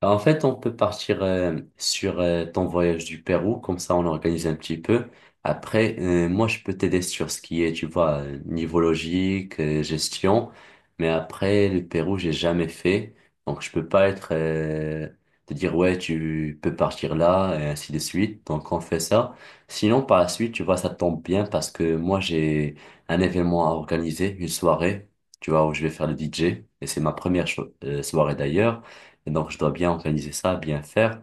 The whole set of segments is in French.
Bah, en fait, on peut partir sur ton voyage du Pérou, comme ça on organise un petit peu. Après, moi je peux t'aider sur ce qui est, tu vois, niveau logique, gestion. Mais après, le Pérou, j'ai jamais fait. Donc je peux pas être te dire ouais, tu peux partir là et ainsi de suite. Donc on fait ça. Sinon, par la suite, tu vois, ça tombe bien parce que moi j'ai un événement à organiser, une soirée, tu vois, où je vais faire le DJ. Et c'est ma première soirée d'ailleurs. Et donc, je dois bien organiser ça, bien faire.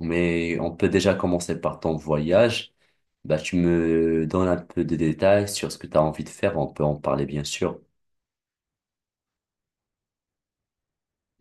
Mais on peut déjà commencer par ton voyage. Bah, tu me donnes un peu de détails sur ce que tu as envie de faire. On peut en parler, bien sûr.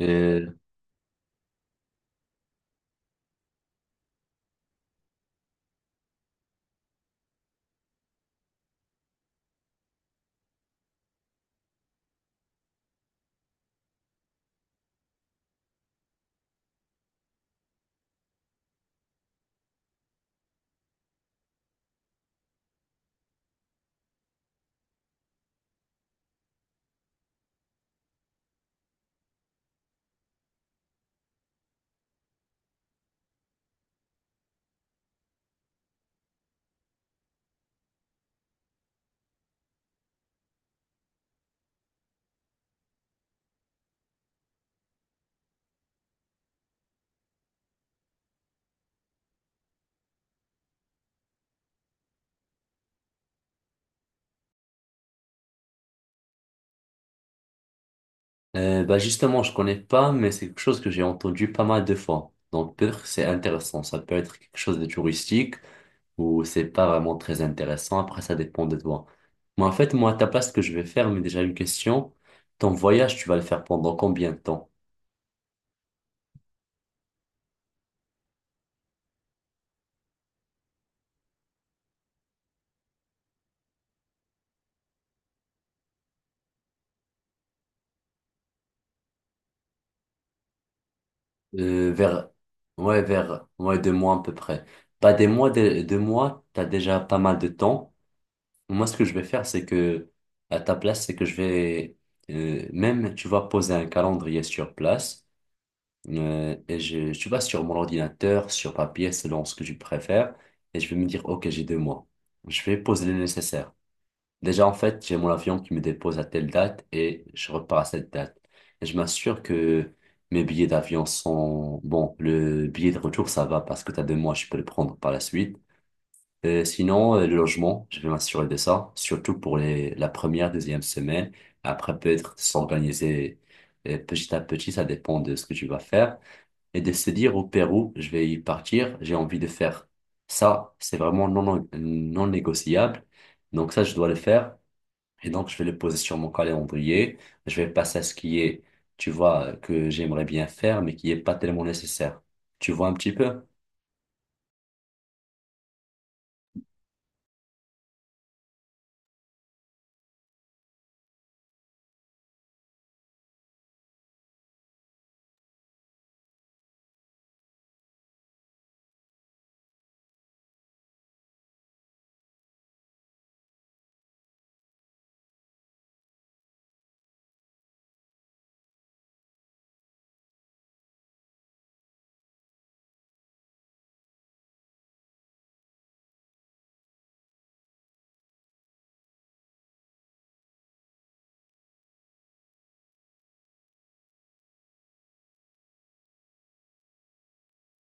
Euh, bah justement, je connais pas, mais c'est quelque chose que j'ai entendu pas mal de fois. Donc peut-être que c'est intéressant. Ça peut être quelque chose de touristique ou c'est pas vraiment très intéressant. Après, ça dépend de toi. Mais en fait, moi, à ta place, ce que je vais faire, mais déjà une question. Ton voyage, tu vas le faire pendant combien de temps? Euh, vers, ouais, ouais, 2 mois à peu près. Pas des mois, deux mois, t'as déjà pas mal de temps. Moi, ce que je vais faire, c'est que, à ta place, c'est que je vais, même, tu vas poser un calendrier sur place, et je, tu vas sur mon ordinateur, sur papier, selon ce que tu préfères, et je vais me dire, OK, j'ai 2 mois. Je vais poser le nécessaire. Déjà, en fait, j'ai mon avion qui me dépose à telle date et je repars à cette date. Et je m'assure que mes billets d'avion sont... Bon, le billet de retour, ça va parce que t'as 2 mois, je peux le prendre par la suite. Sinon, le logement, je vais m'assurer de ça, surtout pour les... la première, deuxième semaine. Après, peut-être s'organiser petit à petit, ça dépend de ce que tu vas faire. Et de se dire, au Pérou, je vais y partir, j'ai envie de faire ça. C'est vraiment non, non non négociable. Donc ça, je dois le faire. Et donc, je vais le poser sur mon calendrier. Je vais passer à ce qui est, tu vois, que j'aimerais bien faire, mais qui est pas tellement nécessaire. Tu vois un petit peu?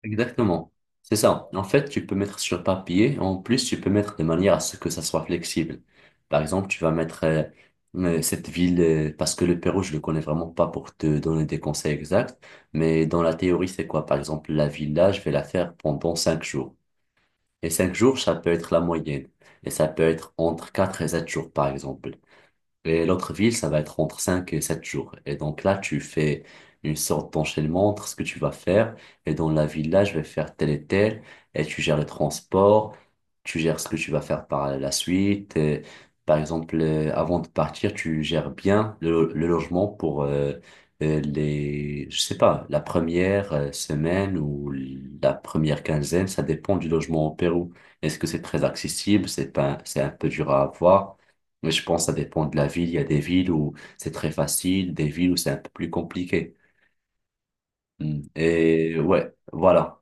Exactement. C'est ça. En fait, tu peux mettre sur papier. En plus, tu peux mettre de manière à ce que ça soit flexible. Par exemple, tu vas mettre cette ville, parce que le Pérou, je le connais vraiment pas pour te donner des conseils exacts. Mais dans la théorie, c'est quoi? Par exemple, la ville là, je vais la faire pendant 5 jours. Et 5 jours, ça peut être la moyenne. Et ça peut être entre 4 et 7 jours, par exemple. Et l'autre ville, ça va être entre 5 et 7 jours. Et donc là, tu fais une sorte d'enchaînement entre ce que tu vas faire. Et dans la ville, là, je vais faire tel et tel. Et tu gères le transport. Tu gères ce que tu vas faire par la suite. Et par exemple, avant de partir, tu gères bien le logement pour les, je sais pas, la première semaine ou la première quinzaine. Ça dépend du logement au Pérou. Est-ce que c'est très accessible? C'est pas, c'est un peu dur à avoir. Mais je pense que ça dépend de la ville. Il y a des villes où c'est très facile, des villes où c'est un peu plus compliqué. Mm. Et ouais, voilà.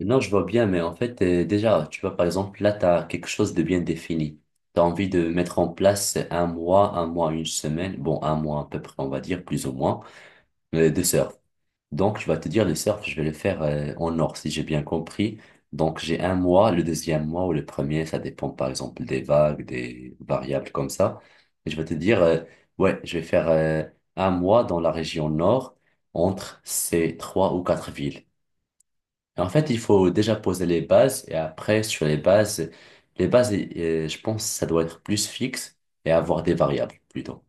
Non, je vois bien, mais en fait, déjà, tu vois, par exemple, là, tu as quelque chose de bien défini. Tu as envie de mettre en place un mois, une semaine, bon, un mois à peu près, on va dire, plus ou moins, de surf. Donc, je vais te dire, le surf, je vais le faire en nord, si j'ai bien compris. Donc, j'ai un mois, le deuxième mois ou le premier, ça dépend par exemple des vagues, des variables comme ça. Et je vais te dire, ouais, je vais faire un mois dans la région nord, entre ces trois ou quatre villes. Et en fait, il faut déjà poser les bases et après, sur les bases, je pense, ça doit être plus fixe et avoir des variables plutôt.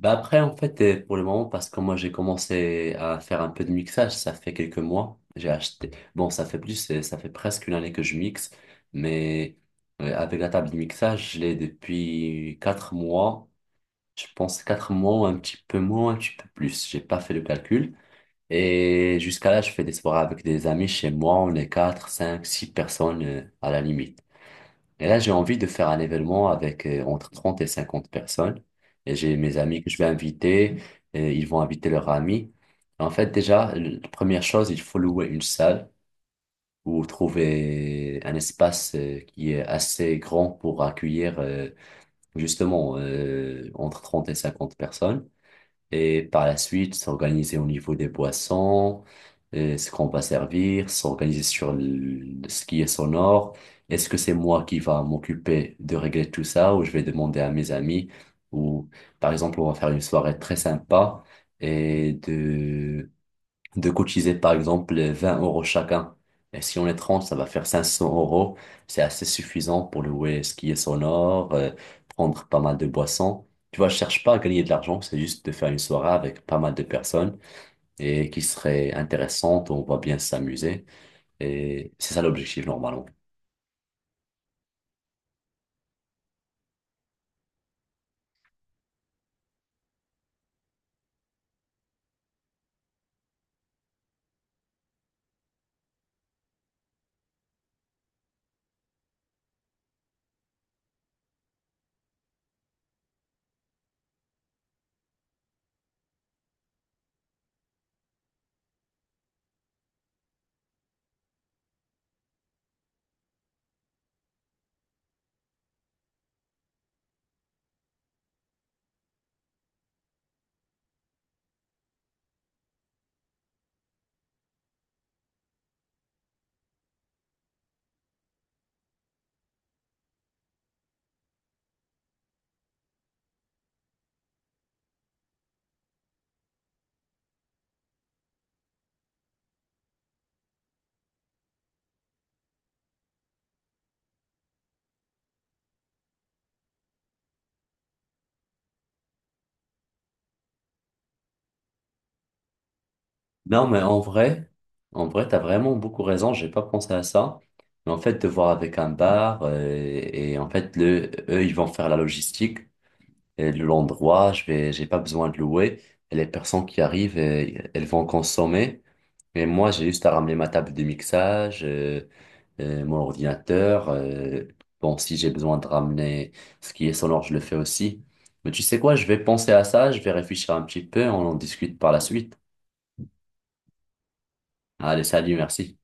Bah après, en fait, pour le moment, parce que moi, j'ai commencé à faire un peu de mixage, ça fait quelques mois. J'ai acheté. Bon, ça fait plus, ça fait presque une année que je mixe, mais avec la table de mixage, je l'ai depuis 4 mois. Je pense 4 mois, ou un petit peu moins, un petit peu plus. J'ai pas fait le calcul. Et jusqu'à là, je fais des soirées avec des amis chez moi. On est quatre, cinq, six personnes à la limite. Et là, j'ai envie de faire un événement avec entre 30 et 50 personnes. Et j'ai mes amis que je vais inviter, et ils vont inviter leurs amis. En fait, déjà, la première chose, il faut louer une salle ou trouver un espace qui est assez grand pour accueillir justement entre 30 et 50 personnes. Et par la suite, s'organiser au niveau des boissons, ce qu'on va servir, s'organiser sur le- ce qui est sonore. Est-ce que c'est moi qui va m'occuper de régler tout ça ou je vais demander à mes amis ou par exemple, on va faire une soirée très sympa et de cotiser par exemple 20 € chacun. Et si on est 30 ça va faire 500 euros. C'est assez suffisant pour louer ce qui est sonore, prendre pas mal de boissons. Tu vois, je cherche pas à gagner de l'argent, c'est juste de faire une soirée avec pas mal de personnes et qui serait intéressante, où on va bien s'amuser. Et c'est ça l'objectif normalement. Non, mais en vrai, t'as vraiment beaucoup raison, j'ai pas pensé à ça. Mais en fait, de voir avec un bar, et en fait, le, eux, ils vont faire la logistique. Et le- l'endroit, je vais, j'ai pas besoin de louer. Et les personnes qui arrivent, elles vont consommer. Et moi, j'ai juste à ramener ma table de mixage, mon ordinateur. Bon, si j'ai besoin de ramener ce qui est sonore, je le fais aussi. Mais tu sais quoi, je vais penser à ça, je vais réfléchir un petit peu, on en discute par la suite. Allez, salut, merci.